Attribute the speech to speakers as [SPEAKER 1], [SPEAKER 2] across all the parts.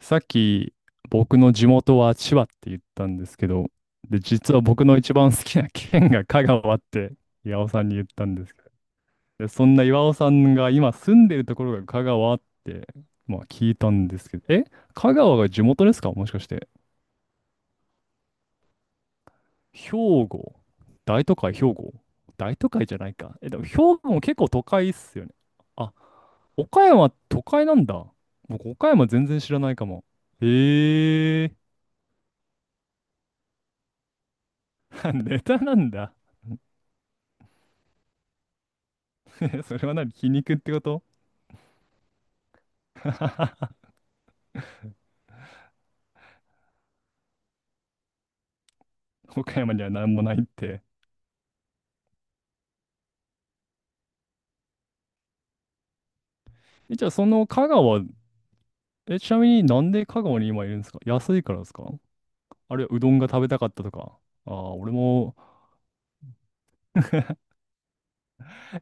[SPEAKER 1] さっき僕の地元は千葉って言ったんですけど、で、実は僕の一番好きな県が香川って 岩尾さんに言ったんですけど、で、そんな岩尾さんが今住んでるところが香川って、まあ聞いたんですけど、え、香川が地元ですかもしかして。兵庫大都会兵庫大都会じゃないか。え、でも兵庫も結構都会っすよね。あ、岡山都会なんだ。僕岡山全然知らないかも。へえ、ネタなんだ。え、それは何皮肉ってこと 岡山には何もないって。え、じゃあその香川、え、ちなみになんで香川に今いるんですか安いからですかあるいはうどんが食べたかったとか。ああ、俺も、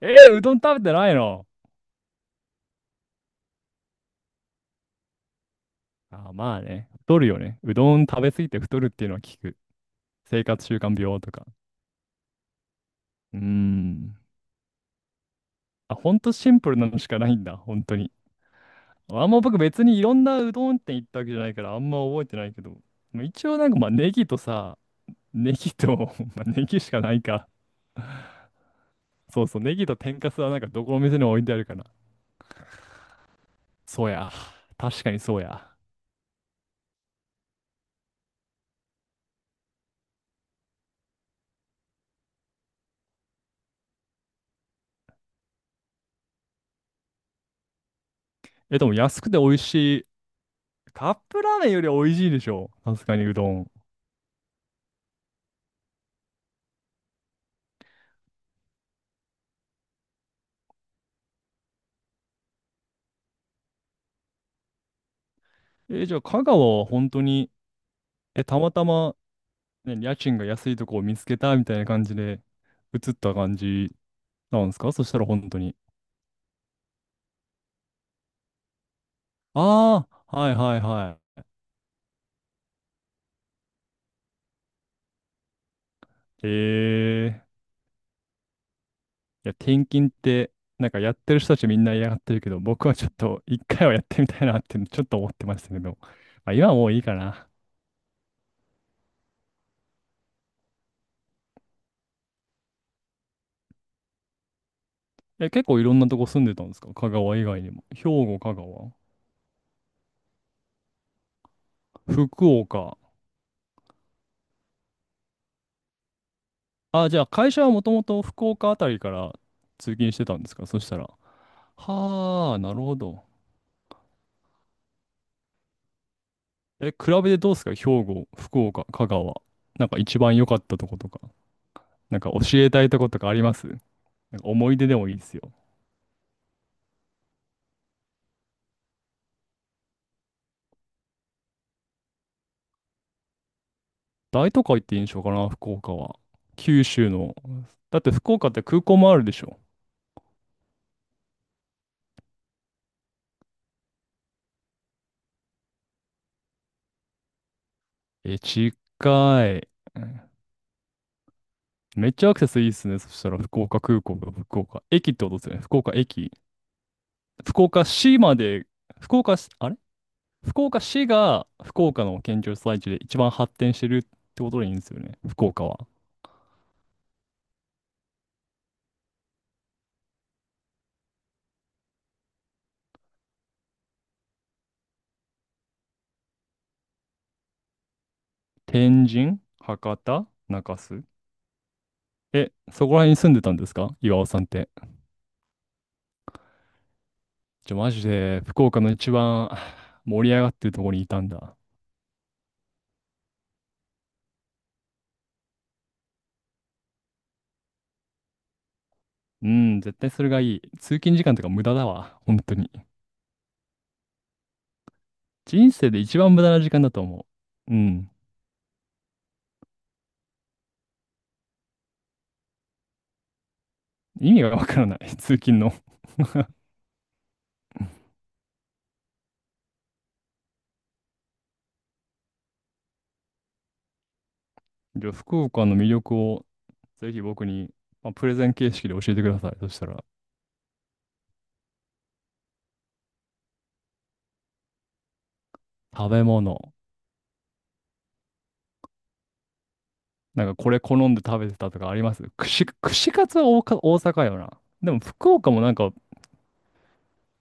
[SPEAKER 1] えーうどん食べてないのああ、まあね。太るよね。うどん食べ過ぎて太るっていうのは聞く。生活習慣病とか。うーん。あ、ほんとシンプルなのしかないんだ。本当に。あんま僕別にいろんなうどん店行ったわけじゃないからあんま覚えてないけど。まあ一応なんかまあネギとさ、ネギと、まあ、ネギしかないか。そうそう、ネギと天かすはなんかどこの店にも置いてあるかな。そうや。確かにそうや。え、でも安くて美味しい。カップラーメンよりは美味しいでしょ。さすがにうどん。え、じゃあ香川は本当に、え、たまたま、ね、家賃が安いとこを見つけたみたいな感じで移った感じなんですかそしたら本当に。ああ、はいはいはい。えー、いや、転勤って、なんかやってる人たちみんな嫌がってるけど、僕はちょっと一回はやってみたいなってちょっと思ってましたけど、まあ、今はもういいかな。え、結構いろんなとこ住んでたんですか香川以外にも。兵庫、香川、福岡。あ、じゃあ会社はもともと福岡あたりから通勤してたんですかそしたら。はあ、なるほど。え、比べてどうですか兵庫、福岡、香川。なんか一番良かったとことか。なんか教えたいとことかありますなんか思い出でもいいですよ。大都会って印象かな福岡は。九州の。だって福岡って空港もあるでしょ。え、近い。めっちゃアクセスいいっすね。そしたら、福岡空港が福岡駅ってことですよね。福岡駅。福岡市まで、福岡市、あれ福岡市が福岡の県庁所在地で一番発展してるってことでいいんですよね。福岡は。天神、博多、中洲。え、そこら辺に住んでたんですか岩尾さんって。ちょ、マジで、福岡の一番 盛り上がってるところにいたんだ。うん、絶対それがいい。通勤時間とか無駄だわ。本当に。人生で一番無駄な時間だと思う。うん。意味がわからない、通勤の。じゃあ、福岡の魅力をぜひ僕に、まあ、プレゼン形式で教えてください。そしたら、食べ物。なんかこれ好んで食べてたとかあります串カツは大か大阪よな。でも福岡もなんか、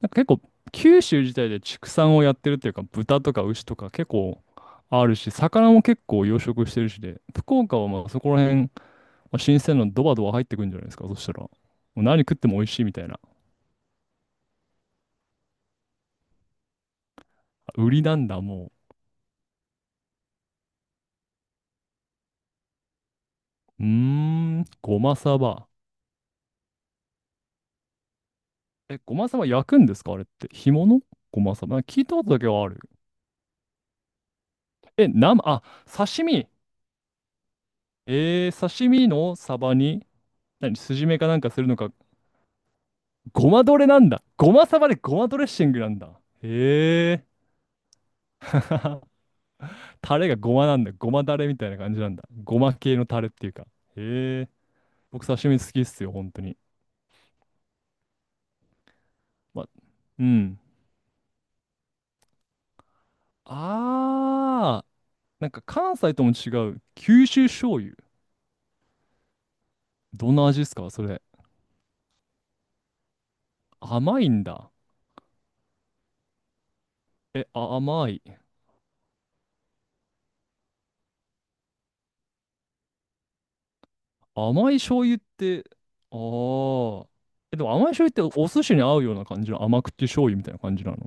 [SPEAKER 1] なんか結構九州自体で畜産をやってるっていうか、豚とか牛とか結構あるし、魚も結構養殖してるしで、福岡はまあそこら辺、まあ新鮮なのドバドバ入ってくるんじゃないですか。そしたら、もう何食っても美味しいみたいな。売りなんだ、もう。うーん、ごまさば。え、ごまさば焼くんですかあれって。干物ごまさば。なんか聞いたことだけはある。え、生、あ、刺身。えー、刺身のサバに、何、筋目かなんかするのか。ごまドレなんだ。ごまサバでごまドレッシングなんだ。へえ。タレがごまなんだ。ごまだれみたいな感じなんだ。ごま系のタレっていうか。へえ。僕刺身好きっすよ、本当に。ま、うん。あー、なんか関西とも違う。九州醤油。どんな味ですかそれ。甘いんだ。え、あ、甘い。甘い醤油って、ああ。え、でも甘い醤油ってお寿司に合うような感じの甘口醤油みたいな感じなの。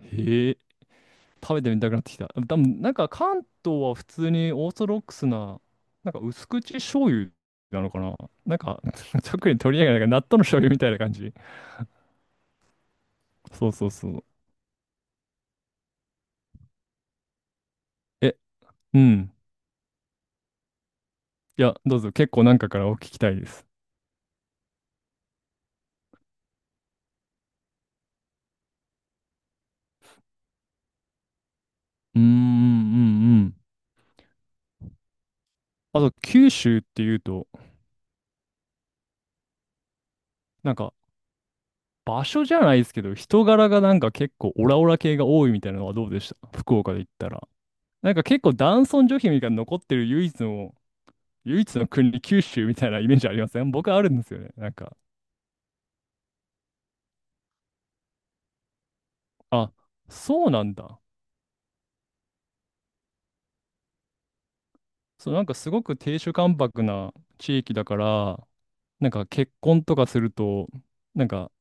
[SPEAKER 1] へえ、食べてみたくなってきた。多分なんか関東は普通にオーソドックスな、なんか薄口醤油なのかな。なんか、特に取り上げない、なんか納豆の醤油みたいな感じ。そうそうそう。え、うん。いや、どうぞ、結構なんかからお聞きたいです。うーん、うん、うん。あと、九州っていうと、なんか、場所じゃないですけど、人柄がなんか結構オラオラ系が多いみたいなのはどうでした福岡で言ったら。なんか結構男尊女卑みたいなの残ってる唯一の国、九州みたいなイメージありません僕あるんですよね。なんか、あ、そうなんだ。そう、なんかすごく亭主関白な地域だから、なんか結婚とかすると、なんか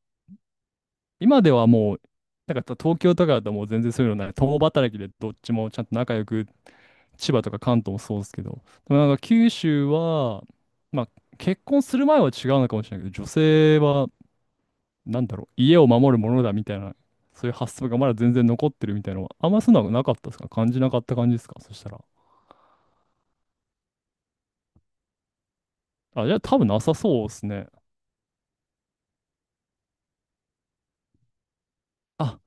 [SPEAKER 1] 今ではもう、なんか東京とかだともう全然そういうのない。共働きでどっちもちゃんと仲良く、千葉とか関東もそうですけど、でもなんか九州は、まあ結婚する前は違うのかもしれないけど、女性は、なんだろう、家を守るものだみたいな、そういう発想がまだ全然残ってるみたいなのは、あんまそんなのなかったですか感じなかった感じですかそしたら。あ、じゃあ多分なさそうですね。あ、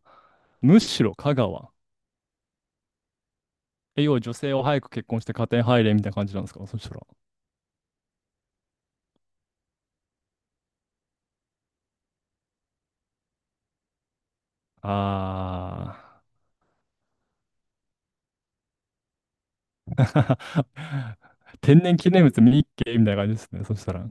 [SPEAKER 1] むしろ香川。え、要は女性を早く結婚して家庭入れみたいな感じなんですかそしたら。あー。天然記念物見に行けみたいな感じですね。そしたら。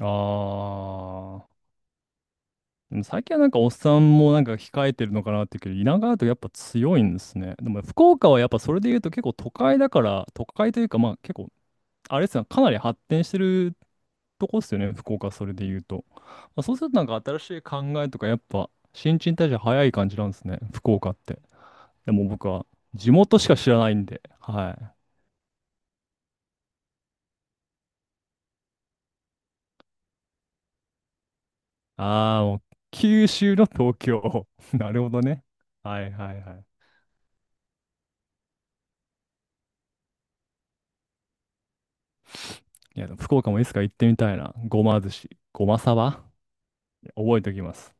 [SPEAKER 1] あー。でも最近はなんかおっさんもなんか控えてるのかなっていうけど、田舎だとやっぱ強いんですね。でも福岡はやっぱそれで言うと結構都会だから、都会というかまあ結構、あれですね、かなり発展してるとこっすよね、福岡それで言うと。まあ、そうするとなんか新しい考えとかやっぱ新陳代謝早い感じなんですね、福岡って。でも僕は地元しか知らないんで、はい。ああ、もう九州の東京。なるほどね。はいはいはい。いや、でも福岡もいつか行ってみたいな。ごま寿司、ごまさば覚えておきます。